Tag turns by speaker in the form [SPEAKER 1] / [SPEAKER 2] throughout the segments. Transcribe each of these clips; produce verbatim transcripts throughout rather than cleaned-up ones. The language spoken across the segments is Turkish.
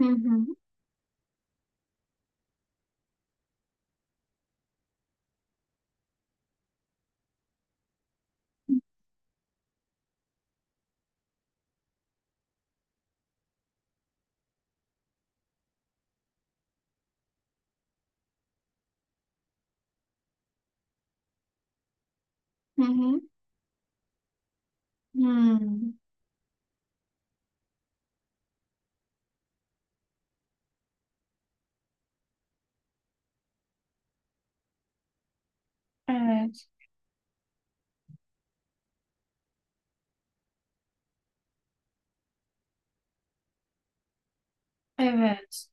[SPEAKER 1] Hı hı. Hı hı. Hmm. Evet. Evet.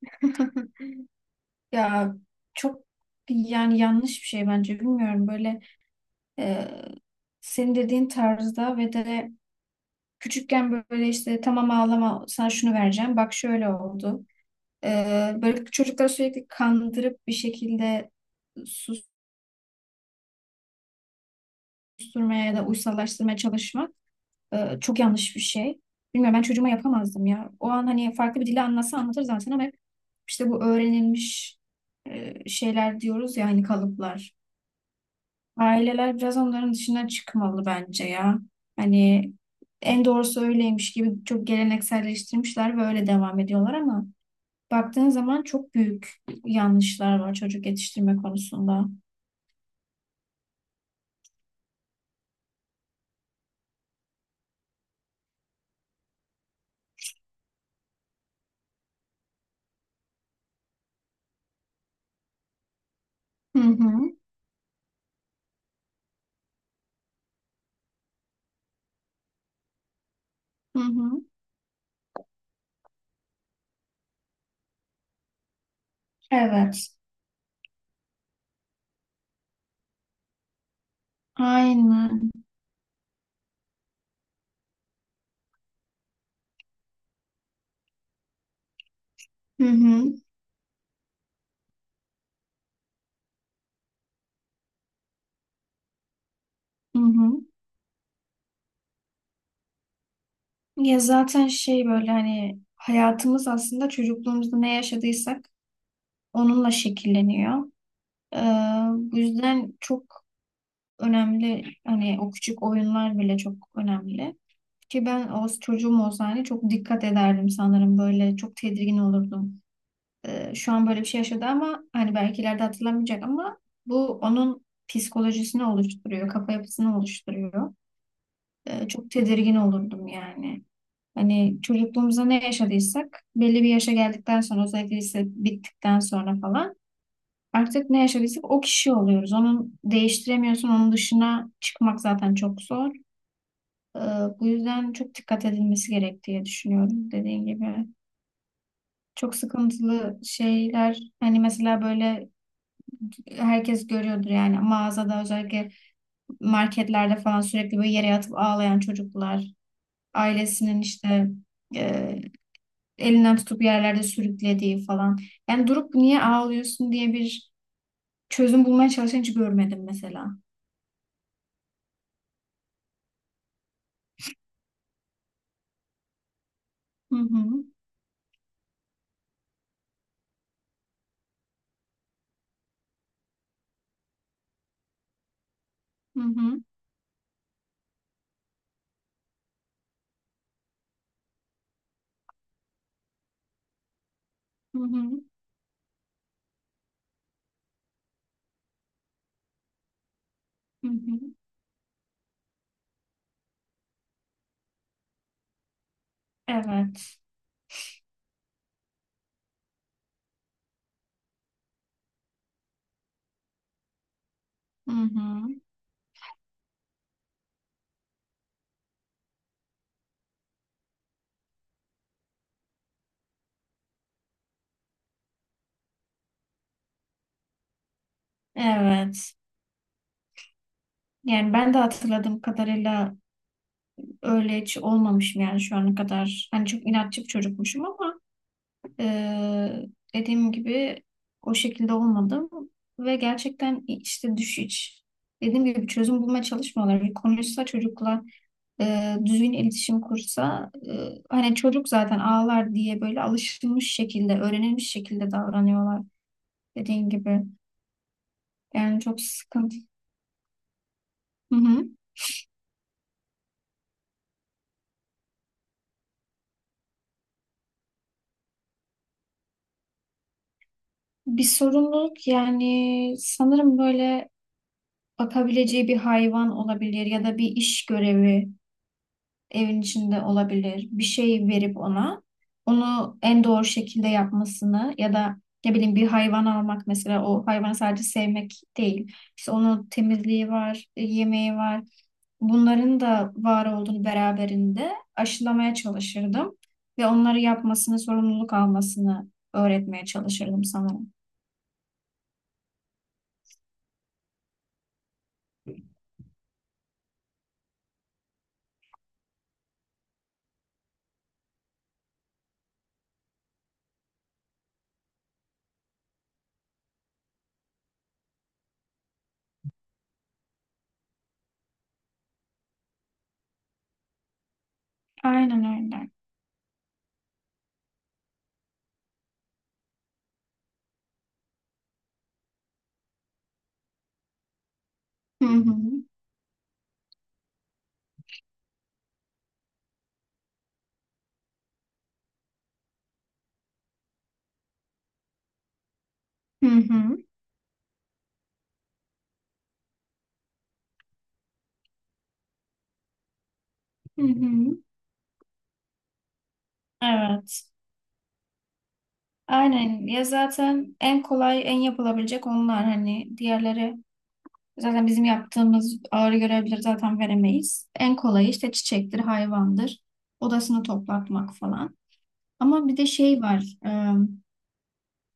[SPEAKER 1] Ya çok yani yanlış bir şey bence bilmiyorum böyle e, senin dediğin tarzda ve de küçükken böyle işte tamam ağlama sana şunu vereceğim bak şöyle oldu. E, Böyle çocukları sürekli kandırıp bir şekilde susturmaya ya da uysallaştırmaya çalışmak Ee, çok yanlış bir şey. Bilmiyorum ben çocuğuma yapamazdım ya. O an hani farklı bir dille anlatsa anlatır zaten ama hep işte bu öğrenilmiş e, şeyler diyoruz ya hani kalıplar. Aileler biraz onların dışına çıkmalı bence ya. Hani en doğrusu öyleymiş gibi çok gelenekselleştirmişler ve öyle devam ediyorlar ama baktığın zaman çok büyük yanlışlar var çocuk yetiştirme konusunda. Hı hı, hı hı. Evet. Aynen. Hı hı, hı hı. Ya zaten şey böyle hani hayatımız aslında çocukluğumuzda ne yaşadıysak onunla şekilleniyor. Ee, Bu yüzden çok önemli hani o küçük oyunlar bile çok önemli. Ki ben o çocuğum olsa hani çok dikkat ederdim sanırım böyle çok tedirgin olurdum. Ee, şu an böyle bir şey yaşadı ama hani belki ileride hatırlamayacak ama bu onun psikolojisini oluşturuyor, kafa yapısını oluşturuyor. Ee, çok tedirgin olurdum yani. Hani çocukluğumuzda ne yaşadıysak belli bir yaşa geldikten sonra özellikle lise bittikten sonra falan artık ne yaşadıysak o kişi oluyoruz. Onu değiştiremiyorsun. Onun dışına çıkmak zaten çok zor. Ee, Bu yüzden çok dikkat edilmesi gerek diye düşünüyorum dediğin gibi. Çok sıkıntılı şeyler hani mesela böyle herkes görüyordur yani mağazada özellikle marketlerde falan sürekli böyle yere yatıp ağlayan çocuklar ailesinin işte e, elinden tutup yerlerde sürüklediği falan. Yani durup niye ağlıyorsun diye bir çözüm bulmaya çalışan hiç görmedim mesela. Hı hı, hı hı, hı hı, hı hı. Evet. Hı hı. Evet. Yani ben de hatırladığım kadarıyla öyle hiç olmamışım yani şu ana kadar. Hani çok inatçı bir çocukmuşum ama eee, dediğim gibi o şekilde olmadım. Ve gerçekten işte düş hiç dediğim gibi bir çözüm bulmaya çalışmıyorlar. Bir konuşsa çocukla e, düzgün iletişim kursa e, hani çocuk zaten ağlar diye böyle alışılmış şekilde, öğrenilmiş şekilde davranıyorlar dediğin gibi. Yani çok sıkıntı. Hı hı. Bir sorumluluk yani sanırım böyle bakabileceği bir hayvan olabilir ya da bir iş görevi evin içinde olabilir. Bir şey verip ona onu en doğru şekilde yapmasını ya da ne bileyim bir hayvan almak mesela o hayvanı sadece sevmek değil. İşte onun temizliği var, yemeği var. Bunların da var olduğunu beraberinde aşılamaya çalışırdım ve onları yapmasını, sorumluluk almasını öğretmeye çalışırdım sanırım. Aynen öyle. Hı hı. Hı hı. Hı hı. Evet. Aynen. Ya zaten en kolay, en yapılabilecek onlar. Hani diğerleri zaten bizim yaptığımız ağır görevleri zaten veremeyiz. En kolayı işte çiçektir, hayvandır, odasını toplatmak falan. Ama bir de şey var.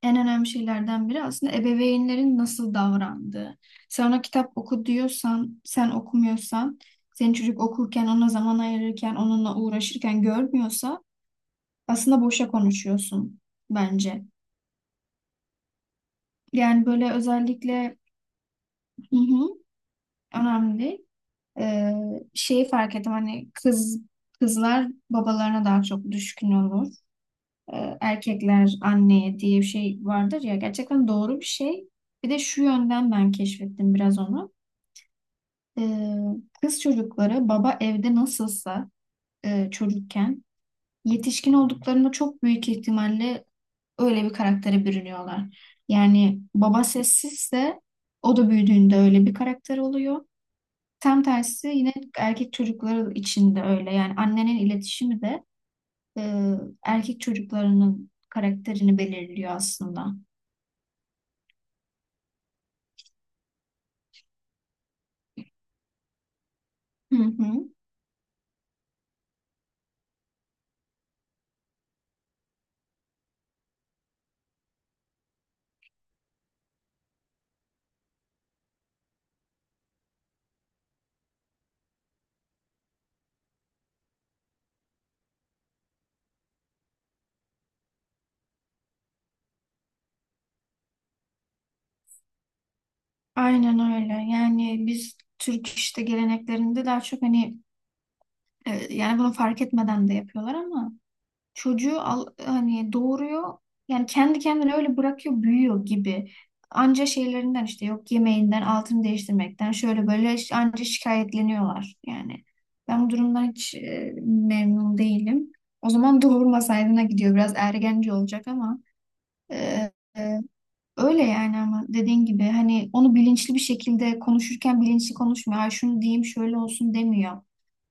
[SPEAKER 1] En önemli şeylerden biri aslında ebeveynlerin nasıl davrandığı. Sen ona kitap oku diyorsan, sen okumuyorsan, senin çocuk okurken, ona zaman ayırırken, onunla uğraşırken görmüyorsa aslında boşa konuşuyorsun bence. Yani böyle özellikle hı hı, önemli. Ee, Şeyi fark ettim hani kız kızlar babalarına daha çok düşkün olur. Ee, erkekler anneye diye bir şey vardır ya gerçekten doğru bir şey. Bir de şu yönden ben keşfettim biraz onu. Ee, Kız çocukları baba evde nasılsa e, çocukken yetişkin olduklarında çok büyük ihtimalle öyle bir karaktere bürünüyorlar. Yani baba sessizse o da büyüdüğünde öyle bir karakter oluyor. Tam tersi yine erkek çocukları için de öyle. Yani annenin iletişimi de e, erkek çocuklarının karakterini belirliyor aslında. Hı hı. Aynen öyle. Yani biz Türk işte geleneklerinde daha çok hani evet, yani bunu fark etmeden de yapıyorlar ama çocuğu al, hani doğuruyor yani kendi kendine öyle bırakıyor büyüyor gibi. Anca şeylerinden işte yok yemeğinden altını değiştirmekten şöyle böyle şi- anca şikayetleniyorlar yani. Ben bu durumdan hiç e, memnun değilim. O zaman doğurmasaydına gidiyor biraz ergenci olacak ama e, e, öyle yani ama dediğin gibi hani onu bilinçli bir şekilde konuşurken bilinçli konuşmuyor. Ay şunu diyeyim şöyle olsun demiyor.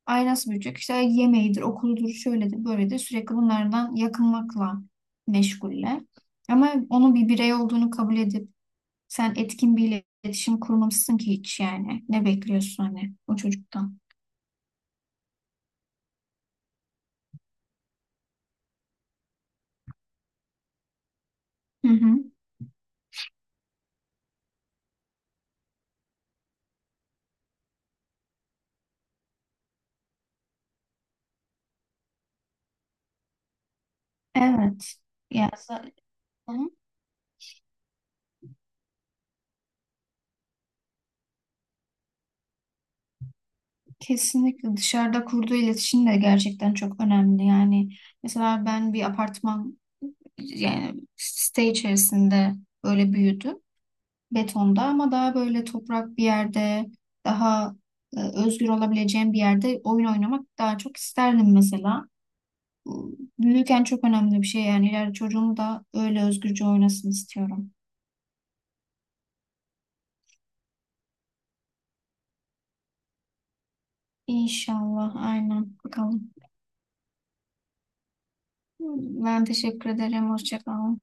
[SPEAKER 1] Ay nasıl büyüyecek? İşte yemeğidir, okuludur, şöyledir, böyledir. Sürekli bunlardan yakınmakla meşguller. Ama onun bir birey olduğunu kabul edip sen etkin bir iletişim kurmamışsın ki hiç yani. Ne bekliyorsun hani o çocuktan? Hı hı. Evet. Ya, za- hı, kesinlikle dışarıda kurduğu iletişim de gerçekten çok önemli. Yani mesela ben bir apartman yani site içerisinde böyle büyüdüm. Betonda ama daha böyle toprak bir yerde daha e, özgür olabileceğim bir yerde oyun oynamak daha çok isterdim mesela. Bu büyürken çok önemli bir şey yani ileride çocuğum da öyle özgürce oynasın istiyorum. İnşallah aynen bakalım. Ben teşekkür ederim. Hoşça kalın.